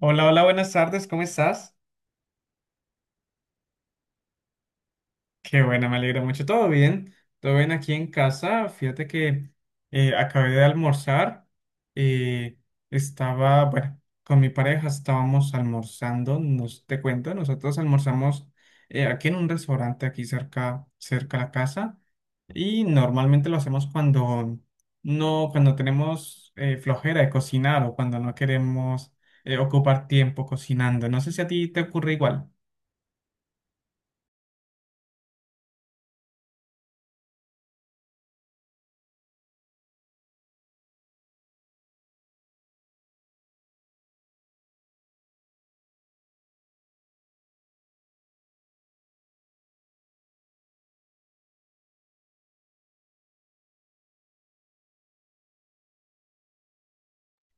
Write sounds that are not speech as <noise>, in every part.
Hola, hola, buenas tardes, ¿cómo estás? Qué bueno, me alegro mucho. ¿Todo bien? ¿Todo bien aquí en casa? Fíjate que acabé de almorzar. eh, Estaba, bueno, con mi pareja estábamos almorzando. Te cuento, nosotros almorzamos aquí en un restaurante aquí cerca, cerca a la casa. Y normalmente lo hacemos cuando no, cuando tenemos flojera de cocinar o cuando no queremos ocupar tiempo cocinando. No sé si a ti te ocurre igual.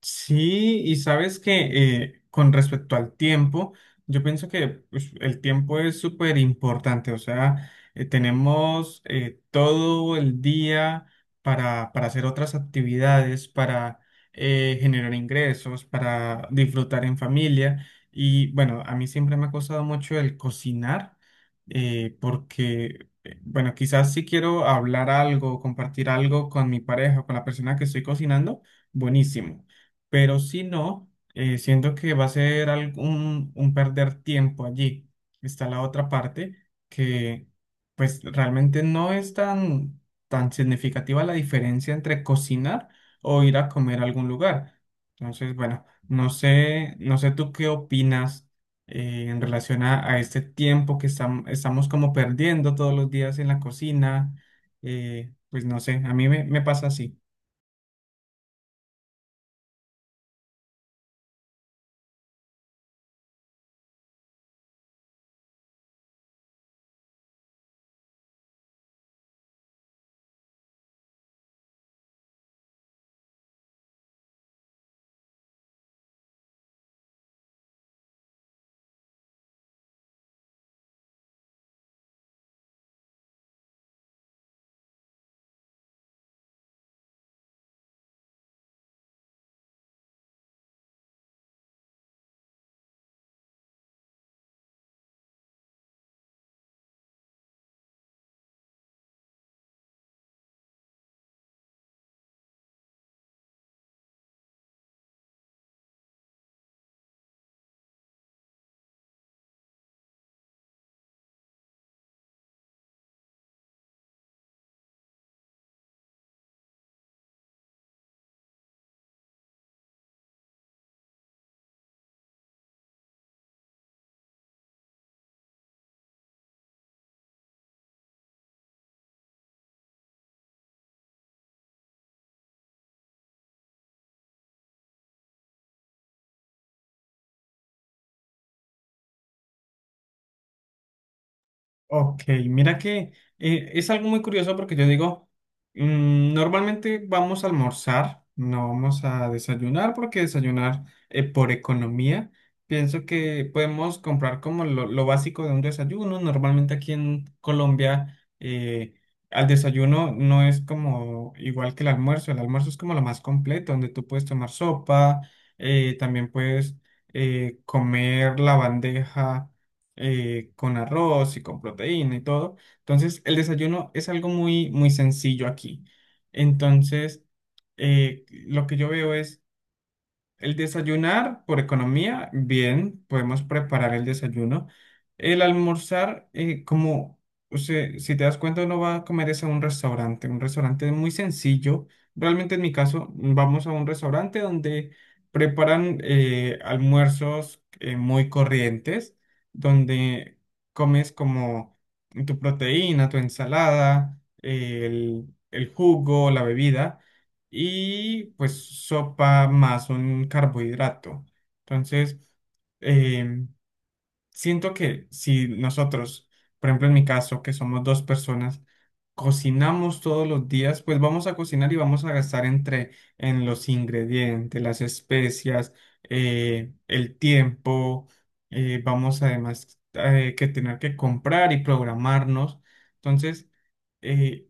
Sí, y sabes que con respecto al tiempo, yo pienso que pues, el tiempo es súper importante, o sea, tenemos todo el día para hacer otras actividades, para generar ingresos, para disfrutar en familia. Y bueno, a mí siempre me ha costado mucho el cocinar, porque, bueno, quizás si quiero hablar algo, compartir algo con mi pareja, con la persona que estoy cocinando, buenísimo. Pero si no, siento que va a ser un perder tiempo allí. Está la otra parte que pues realmente no es tan, tan significativa la diferencia entre cocinar o ir a comer a algún lugar. Entonces, bueno, no sé, no sé tú qué opinas en relación a este tiempo que estamos como perdiendo todos los días en la cocina. Pues no sé, a mí me pasa así. Ok, mira que es algo muy curioso porque yo digo, normalmente vamos a almorzar, no vamos a desayunar porque desayunar por economía, pienso que podemos comprar como lo básico de un desayuno. Normalmente aquí en Colombia al desayuno no es como igual que el almuerzo es como lo más completo, donde tú puedes tomar sopa, también puedes comer la bandeja con arroz y con proteína y todo. Entonces, el desayuno es algo muy, muy sencillo aquí. Entonces, lo que yo veo es el desayunar, por economía, bien, podemos preparar el desayuno. El almorzar, como o sea, si te das cuenta, uno va a comer es a un restaurante. Un restaurante es muy sencillo. Realmente en mi caso, vamos a un restaurante donde preparan almuerzos muy corrientes, donde comes como tu proteína, tu ensalada, el jugo, la bebida y pues sopa más un carbohidrato. Entonces, eh, siento que si nosotros, por ejemplo en mi caso, que somos dos personas, cocinamos todos los días, pues vamos a cocinar y vamos a gastar entre en los ingredientes, las especias, el tiempo, vamos además que tener que comprar y programarnos. Entonces, eh,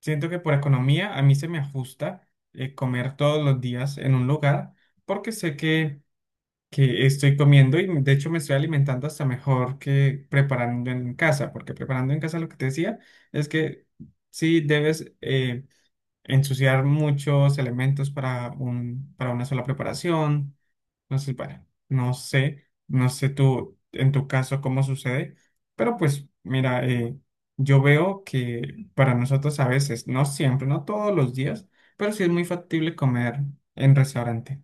siento que por economía a mí se me ajusta comer todos los días en un lugar porque sé que estoy comiendo y de hecho me estoy alimentando hasta mejor que preparando en casa, porque preparando en casa lo que te decía es que sí debes ensuciar muchos elementos para para una sola preparación. Entonces, bueno, no sé, no sé tú, en tu caso, cómo sucede, pero pues mira, yo veo que para nosotros a veces, no siempre, no todos los días, pero sí es muy factible comer en restaurante.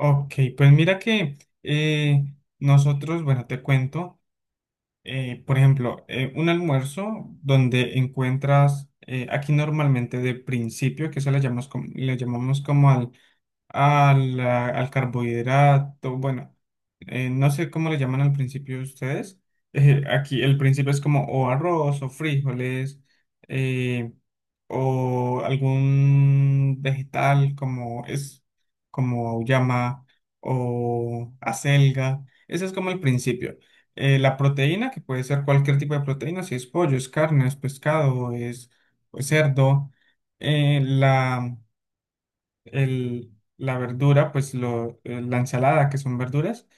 Ok, pues mira que eh, nosotros, bueno, te cuento. Por ejemplo, un almuerzo donde encuentras, aquí normalmente de principio, que eso le llamamos como al carbohidrato, bueno, no sé cómo le llaman al principio ustedes. Aquí el principio es como o arroz o frijoles eh, o algún vegetal como es como llama o acelga. Ese es como el principio la proteína, que puede ser cualquier tipo de proteína, si es pollo, es carne, es pescado, es pues, cerdo. Eh, la, el- la verdura, pues la ensalada, que son verduras.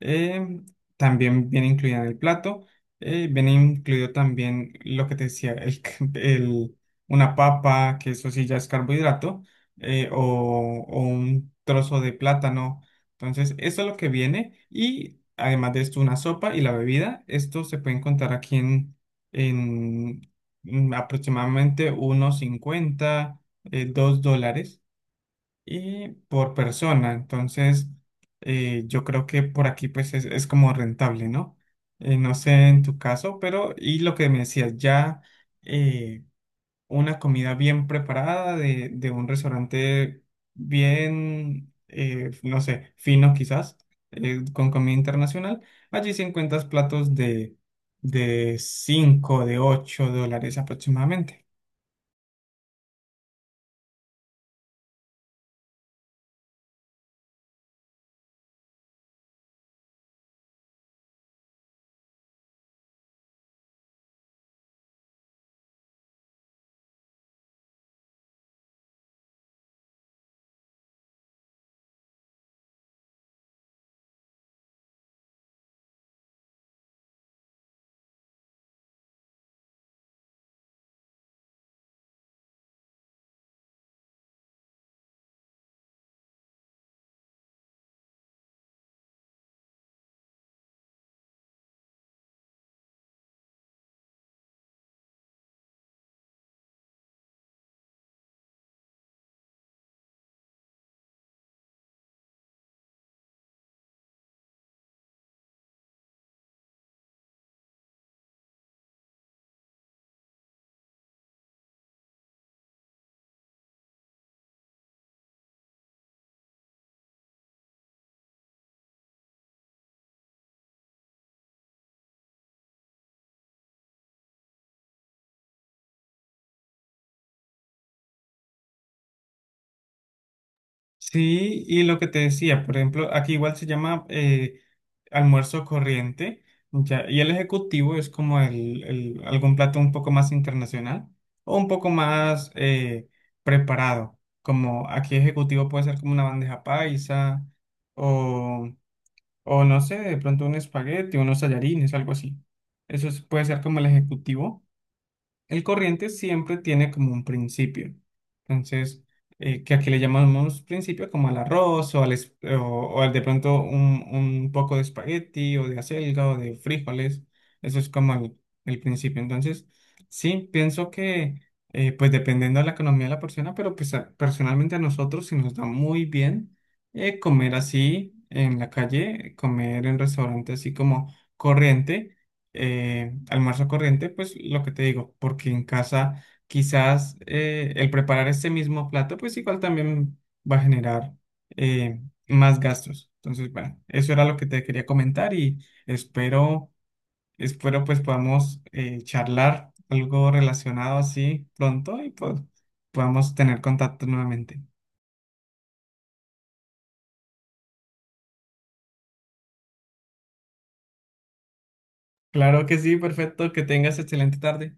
Eh, También viene incluida en el plato. Viene incluido también lo que te decía, <laughs> una papa, que eso sí ya es carbohidrato, o un trozo de plátano. Entonces, eso es lo que viene. Y además de esto, una sopa y la bebida. Esto se puede encontrar aquí en aproximadamente unos 50, $2 y por persona. Entonces, yo creo que por aquí pues es como rentable, ¿no? No sé en tu caso, pero y lo que me decías, ya eh, una comida bien preparada de un restaurante bien, no sé, fino quizás, con comida internacional, allí sí encuentras platos de 5 de $8 aproximadamente. Sí, y lo que te decía, por ejemplo, aquí igual se llama almuerzo corriente, ya, y el ejecutivo es como algún plato un poco más internacional o un poco más preparado, como aquí ejecutivo puede ser como una bandeja paisa o, o no sé, de pronto un espagueti, unos tallarines, algo así. Eso puede ser como el ejecutivo. El corriente siempre tiene como un principio. Entonces, que aquí le llamamos principio como al arroz o al de pronto un poco de espagueti o de acelga o de frijoles. Eso es como el principio. Entonces, sí, pienso que pues dependiendo de la economía de la persona, pero pues personalmente a nosotros sí nos da muy bien comer así en la calle, comer en restaurantes así como corriente almuerzo corriente, pues lo que te digo, porque en casa quizás el preparar este mismo plato, pues igual también va a generar eh, más gastos. Entonces, bueno, eso era lo que te quería comentar y espero pues podamos charlar algo relacionado así pronto y pues podamos tener contacto nuevamente. Claro que sí, perfecto, que tengas excelente tarde.